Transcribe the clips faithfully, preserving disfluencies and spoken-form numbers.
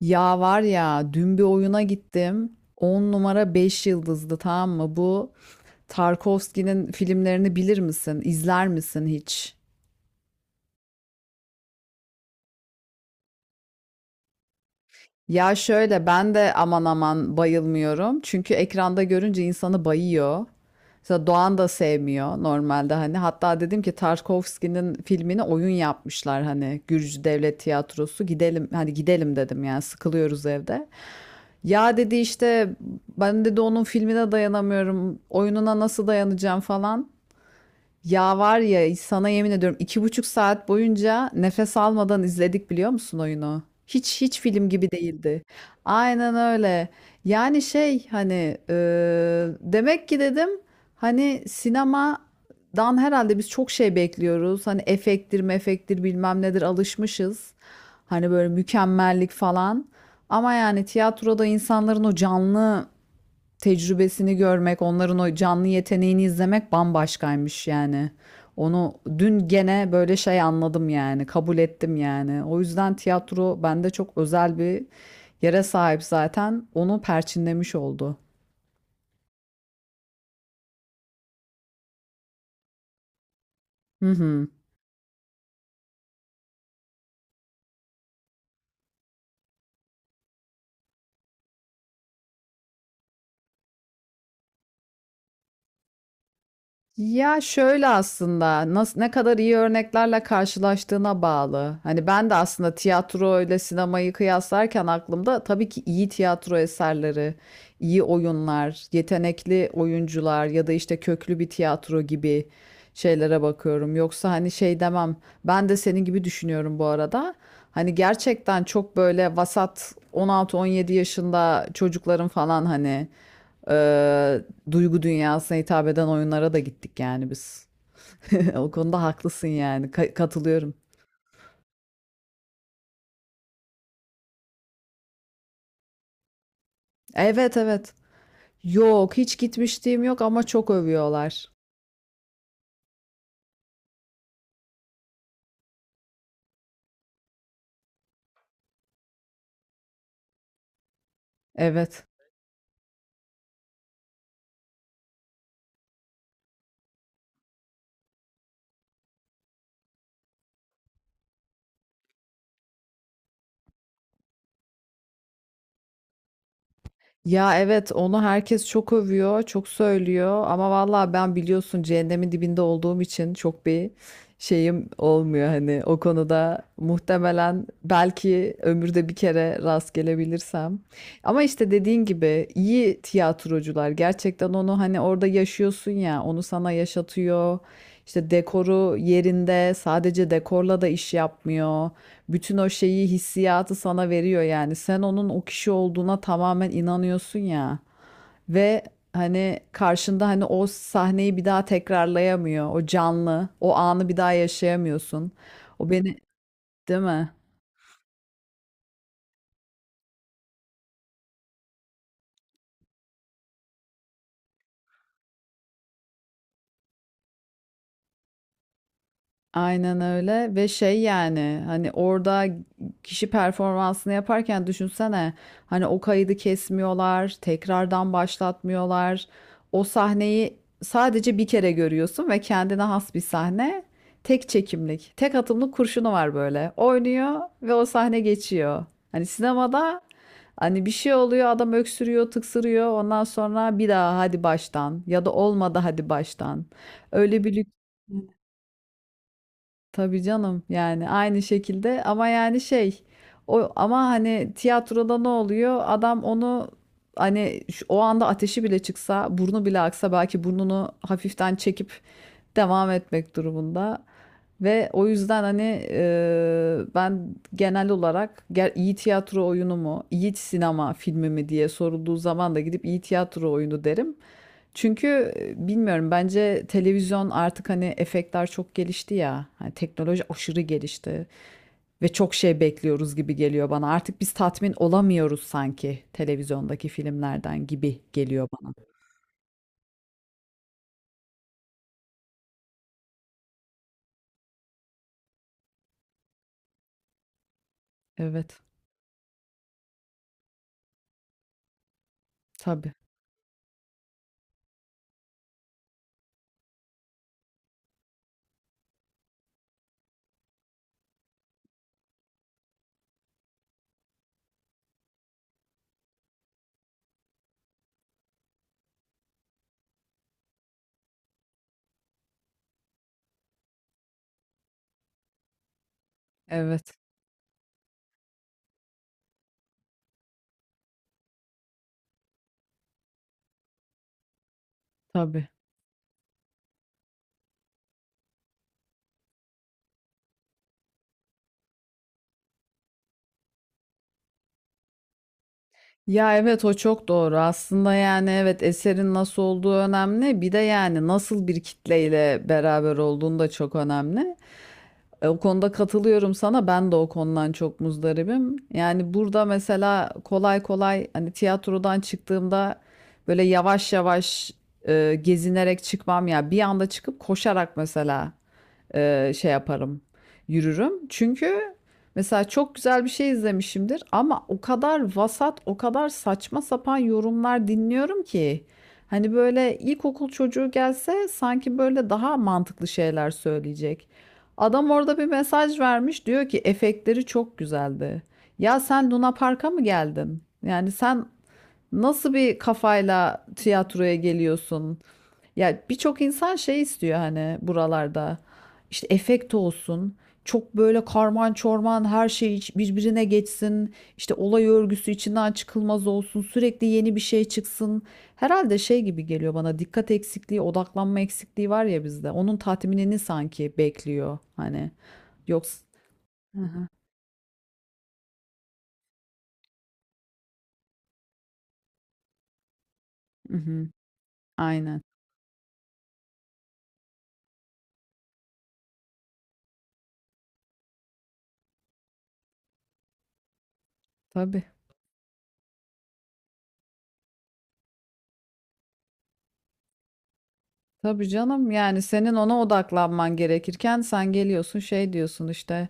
Ya var ya dün bir oyuna gittim. On numara beş yıldızdı, tamam mı? Bu Tarkovski'nin filmlerini bilir misin? İzler misin hiç? Ya şöyle, ben de aman aman bayılmıyorum. Çünkü ekranda görünce insanı bayıyor. Mesela Doğan da sevmiyor normalde hani. Hatta dedim ki Tarkovski'nin filmini oyun yapmışlar hani, Gürcü Devlet Tiyatrosu. Gidelim hani, gidelim dedim, yani sıkılıyoruz evde. Ya dedi işte, ben dedi onun filmine dayanamıyorum. Oyununa nasıl dayanacağım falan. Ya var ya, sana yemin ediyorum iki buçuk saat boyunca nefes almadan izledik, biliyor musun oyunu? Hiç hiç film gibi değildi. Aynen öyle. Yani şey, hani e, demek ki dedim hani sinemadan herhalde biz çok şey bekliyoruz. Hani efektir mefektir bilmem nedir, alışmışız. Hani böyle mükemmellik falan. Ama yani tiyatroda insanların o canlı tecrübesini görmek, onların o canlı yeteneğini izlemek bambaşkaymış yani. Onu dün gene böyle şey anladım yani, kabul ettim yani. O yüzden tiyatro bende çok özel bir yere sahip zaten. Onu perçinlemiş oldu. Hı hı. Ya şöyle, aslında nasıl, ne kadar iyi örneklerle karşılaştığına bağlı. Hani ben de aslında tiyatro ile sinemayı kıyaslarken aklımda tabii ki iyi tiyatro eserleri, iyi oyunlar, yetenekli oyuncular ya da işte köklü bir tiyatro gibi şeylere bakıyorum. Yoksa hani şey demem. Ben de senin gibi düşünüyorum bu arada. Hani gerçekten çok böyle vasat on altı on yedi yaşında çocukların falan hani eee, duygu dünyasına hitap eden oyunlara da gittik yani biz. O konuda haklısın yani. Ka- katılıyorum. Evet, evet. Yok, hiç gitmişliğim yok ama çok övüyorlar. Evet. Ya evet, onu herkes çok övüyor, çok söylüyor ama vallahi ben, biliyorsun, cehennemin dibinde olduğum için çok bir şeyim olmuyor hani o konuda, muhtemelen belki ömürde bir kere rast gelebilirsem. Ama işte dediğin gibi iyi tiyatrocular gerçekten onu, hani orada yaşıyorsun ya, onu sana yaşatıyor. İşte dekoru yerinde, sadece dekorla da iş yapmıyor. Bütün o şeyi, hissiyatı sana veriyor yani. Sen onun o kişi olduğuna tamamen inanıyorsun ya. Ve hani karşında, hani o sahneyi bir daha tekrarlayamıyor. O canlı, o anı bir daha yaşayamıyorsun. O beni, değil mi? Aynen öyle. Ve şey yani, hani orada kişi performansını yaparken düşünsene, hani o kaydı kesmiyorlar, tekrardan başlatmıyorlar. O sahneyi sadece bir kere görüyorsun ve kendine has bir sahne. Tek çekimlik, tek atımlık kurşunu var böyle. Oynuyor ve o sahne geçiyor. Hani sinemada hani bir şey oluyor, adam öksürüyor, tıksırıyor. Ondan sonra bir daha hadi baştan, ya da olmadı, hadi baştan. Öyle bir lüks. Tabii canım, yani aynı şekilde, ama yani şey, o, ama hani tiyatroda ne oluyor? Adam onu, hani şu- o anda ateşi bile çıksa, burnu bile aksa, belki burnunu hafiften çekip devam etmek durumunda. Ve o yüzden, hani e, ben genel olarak ger- iyi tiyatro oyunu mu, iyi sinema filmi mi diye sorulduğu zaman da gidip iyi tiyatro oyunu derim. Çünkü e, bilmiyorum, bence televizyon artık, hani efektler çok gelişti ya. Hani teknoloji aşırı gelişti ve çok şey bekliyoruz gibi geliyor bana. Artık biz tatmin olamıyoruz sanki televizyondaki filmlerden, gibi geliyor bana. Evet. Tabii. Evet. Tabii. Ya evet, o çok doğru. Aslında yani, evet, eserin nasıl olduğu önemli. Bir de yani nasıl bir kitleyle beraber olduğun da çok önemli. E, O konuda katılıyorum sana. Ben de o konudan çok muzdaribim. Yani burada mesela kolay kolay, hani tiyatrodan çıktığımda böyle yavaş yavaş e, gezinerek çıkmam ya. Bir anda çıkıp koşarak mesela e, şey yaparım, yürürüm. Çünkü mesela çok güzel bir şey izlemişimdir ama o kadar vasat, o kadar saçma sapan yorumlar dinliyorum ki, hani böyle ilkokul çocuğu gelse sanki böyle daha mantıklı şeyler söyleyecek. Adam orada bir mesaj vermiş, diyor ki efektleri çok güzeldi. Ya sen Luna Park'a mı geldin? Yani sen nasıl bir kafayla tiyatroya geliyorsun? Ya birçok insan şey istiyor, hani buralarda işte efekt olsun. Çok böyle karman çorman her şey iç- birbirine geçsin. İşte olay örgüsü içinden çıkılmaz olsun. Sürekli yeni bir şey çıksın. Herhalde şey gibi geliyor bana, dikkat eksikliği, odaklanma eksikliği var ya bizde. Onun tatminini sanki bekliyor hani. Yoksa. Hı hı. Hı hı. Aynen. Tabii. Tabii canım, yani senin ona odaklanman gerekirken sen geliyorsun şey diyorsun işte.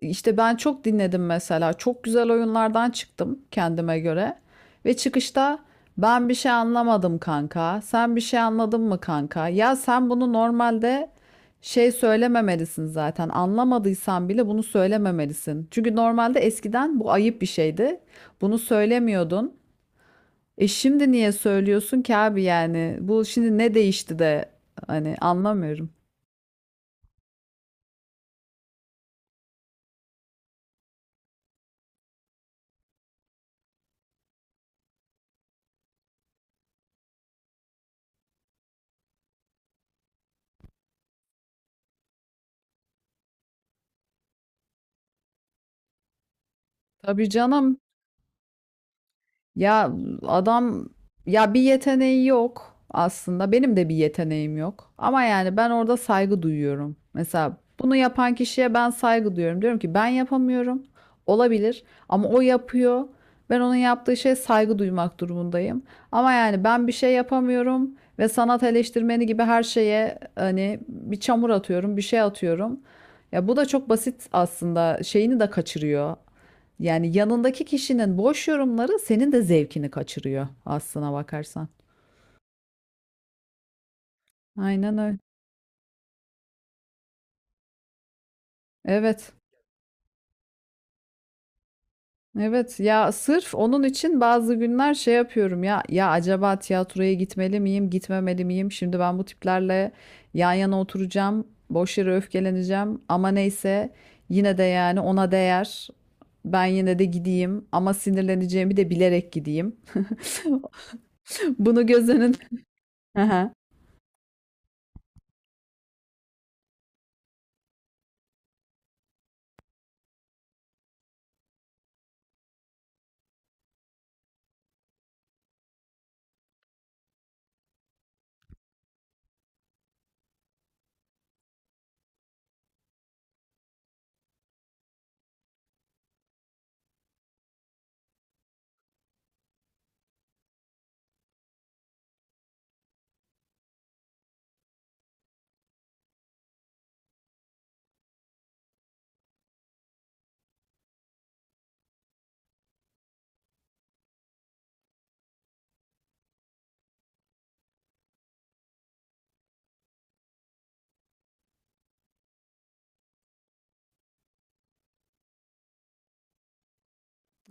İşte ben çok dinledim mesela. Çok güzel oyunlardan çıktım kendime göre. Ve çıkışta, ben bir şey anlamadım kanka. Sen bir şey anladın mı kanka? Ya sen bunu normalde şey söylememelisin zaten. Anlamadıysan bile bunu söylememelisin. Çünkü normalde eskiden bu ayıp bir şeydi. Bunu söylemiyordun. E, şimdi niye söylüyorsun ki abi yani? Bu şimdi ne değişti de hani, anlamıyorum. Tabii canım. Ya adam, ya bir yeteneği yok aslında. Benim de bir yeteneğim yok. Ama yani ben orada saygı duyuyorum. Mesela bunu yapan kişiye ben saygı duyuyorum. Diyorum ki ben yapamıyorum. Olabilir, ama o yapıyor. Ben onun yaptığı şeye saygı duymak durumundayım. Ama yani ben bir şey yapamıyorum ve sanat eleştirmeni gibi her şeye, hani bir çamur atıyorum, bir şey atıyorum. Ya bu da çok basit aslında. Şeyini de kaçırıyor. Yani yanındaki kişinin boş yorumları senin de zevkini kaçırıyor aslına bakarsan. Aynen öyle. Evet. Evet, ya sırf onun için bazı günler şey yapıyorum, ya, ya acaba tiyatroya gitmeli miyim gitmemeli miyim? Şimdi ben bu tiplerle yan yana oturacağım, boş yere öfkeleneceğim ama neyse, yine de yani ona değer, ben yine de gideyim ama sinirleneceğimi de bilerek gideyim. bunu göz önün- Aha.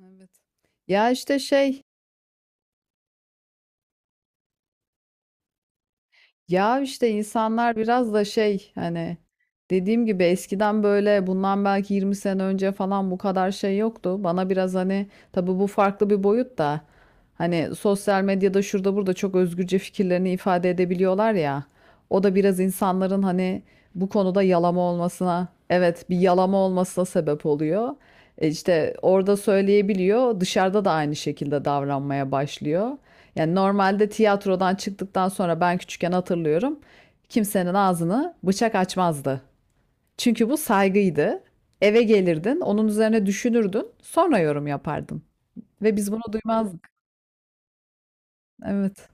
Evet. Ya işte şey Ya işte insanlar biraz da şey, hani dediğim gibi, eskiden böyle bundan belki yirmi sene önce falan bu kadar şey yoktu. Bana biraz hani, tabii bu farklı bir boyut da, hani sosyal medyada şurada burada çok özgürce fikirlerini ifade edebiliyorlar ya. O da biraz insanların hani bu konuda yalama olmasına, evet bir yalama olmasına sebep oluyor. E işte orada söyleyebiliyor, dışarıda da aynı şekilde davranmaya başlıyor. Yani normalde tiyatrodan çıktıktan sonra, ben küçükken hatırlıyorum. Kimsenin ağzını bıçak açmazdı. Çünkü bu saygıydı. Eve gelirdin, onun üzerine düşünürdün, sonra yorum yapardın. Ve biz bunu duymazdık. Evet.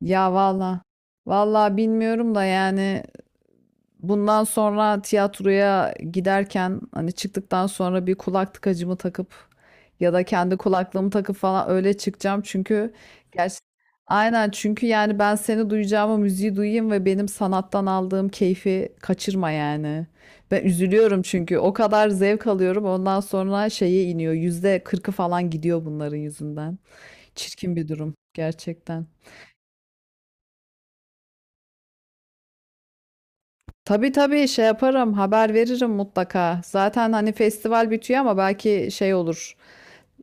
Ya valla. Valla bilmiyorum da yani, bundan sonra tiyatroya giderken, hani çıktıktan sonra bir kulak tıkacımı takıp ya da kendi kulaklığımı takıp falan öyle çıkacağım, çünkü gerçi aynen, çünkü yani ben seni duyacağıma müziği duyayım ve benim sanattan aldığım keyfi kaçırma yani. Ben üzülüyorum çünkü o kadar zevk alıyorum, ondan sonra şeye iniyor, yüzde kırkı falan gidiyor bunların yüzünden. Çirkin bir durum gerçekten. Tabii tabii, şey yaparım, haber veririm mutlaka. Zaten hani festival bitiyor ama belki şey olur.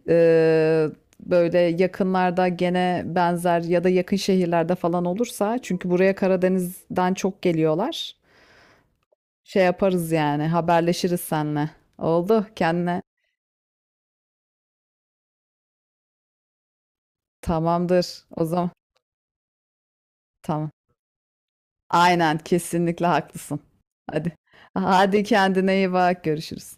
e, Böyle yakınlarda gene benzer ya da yakın şehirlerde falan olursa. Çünkü buraya Karadeniz'den çok geliyorlar. Şey yaparız yani, haberleşiriz seninle. Oldu, kendine. Tamamdır o zaman. Tamam. Aynen, kesinlikle haklısın. Hadi. Hadi kendine iyi bak, görüşürüz.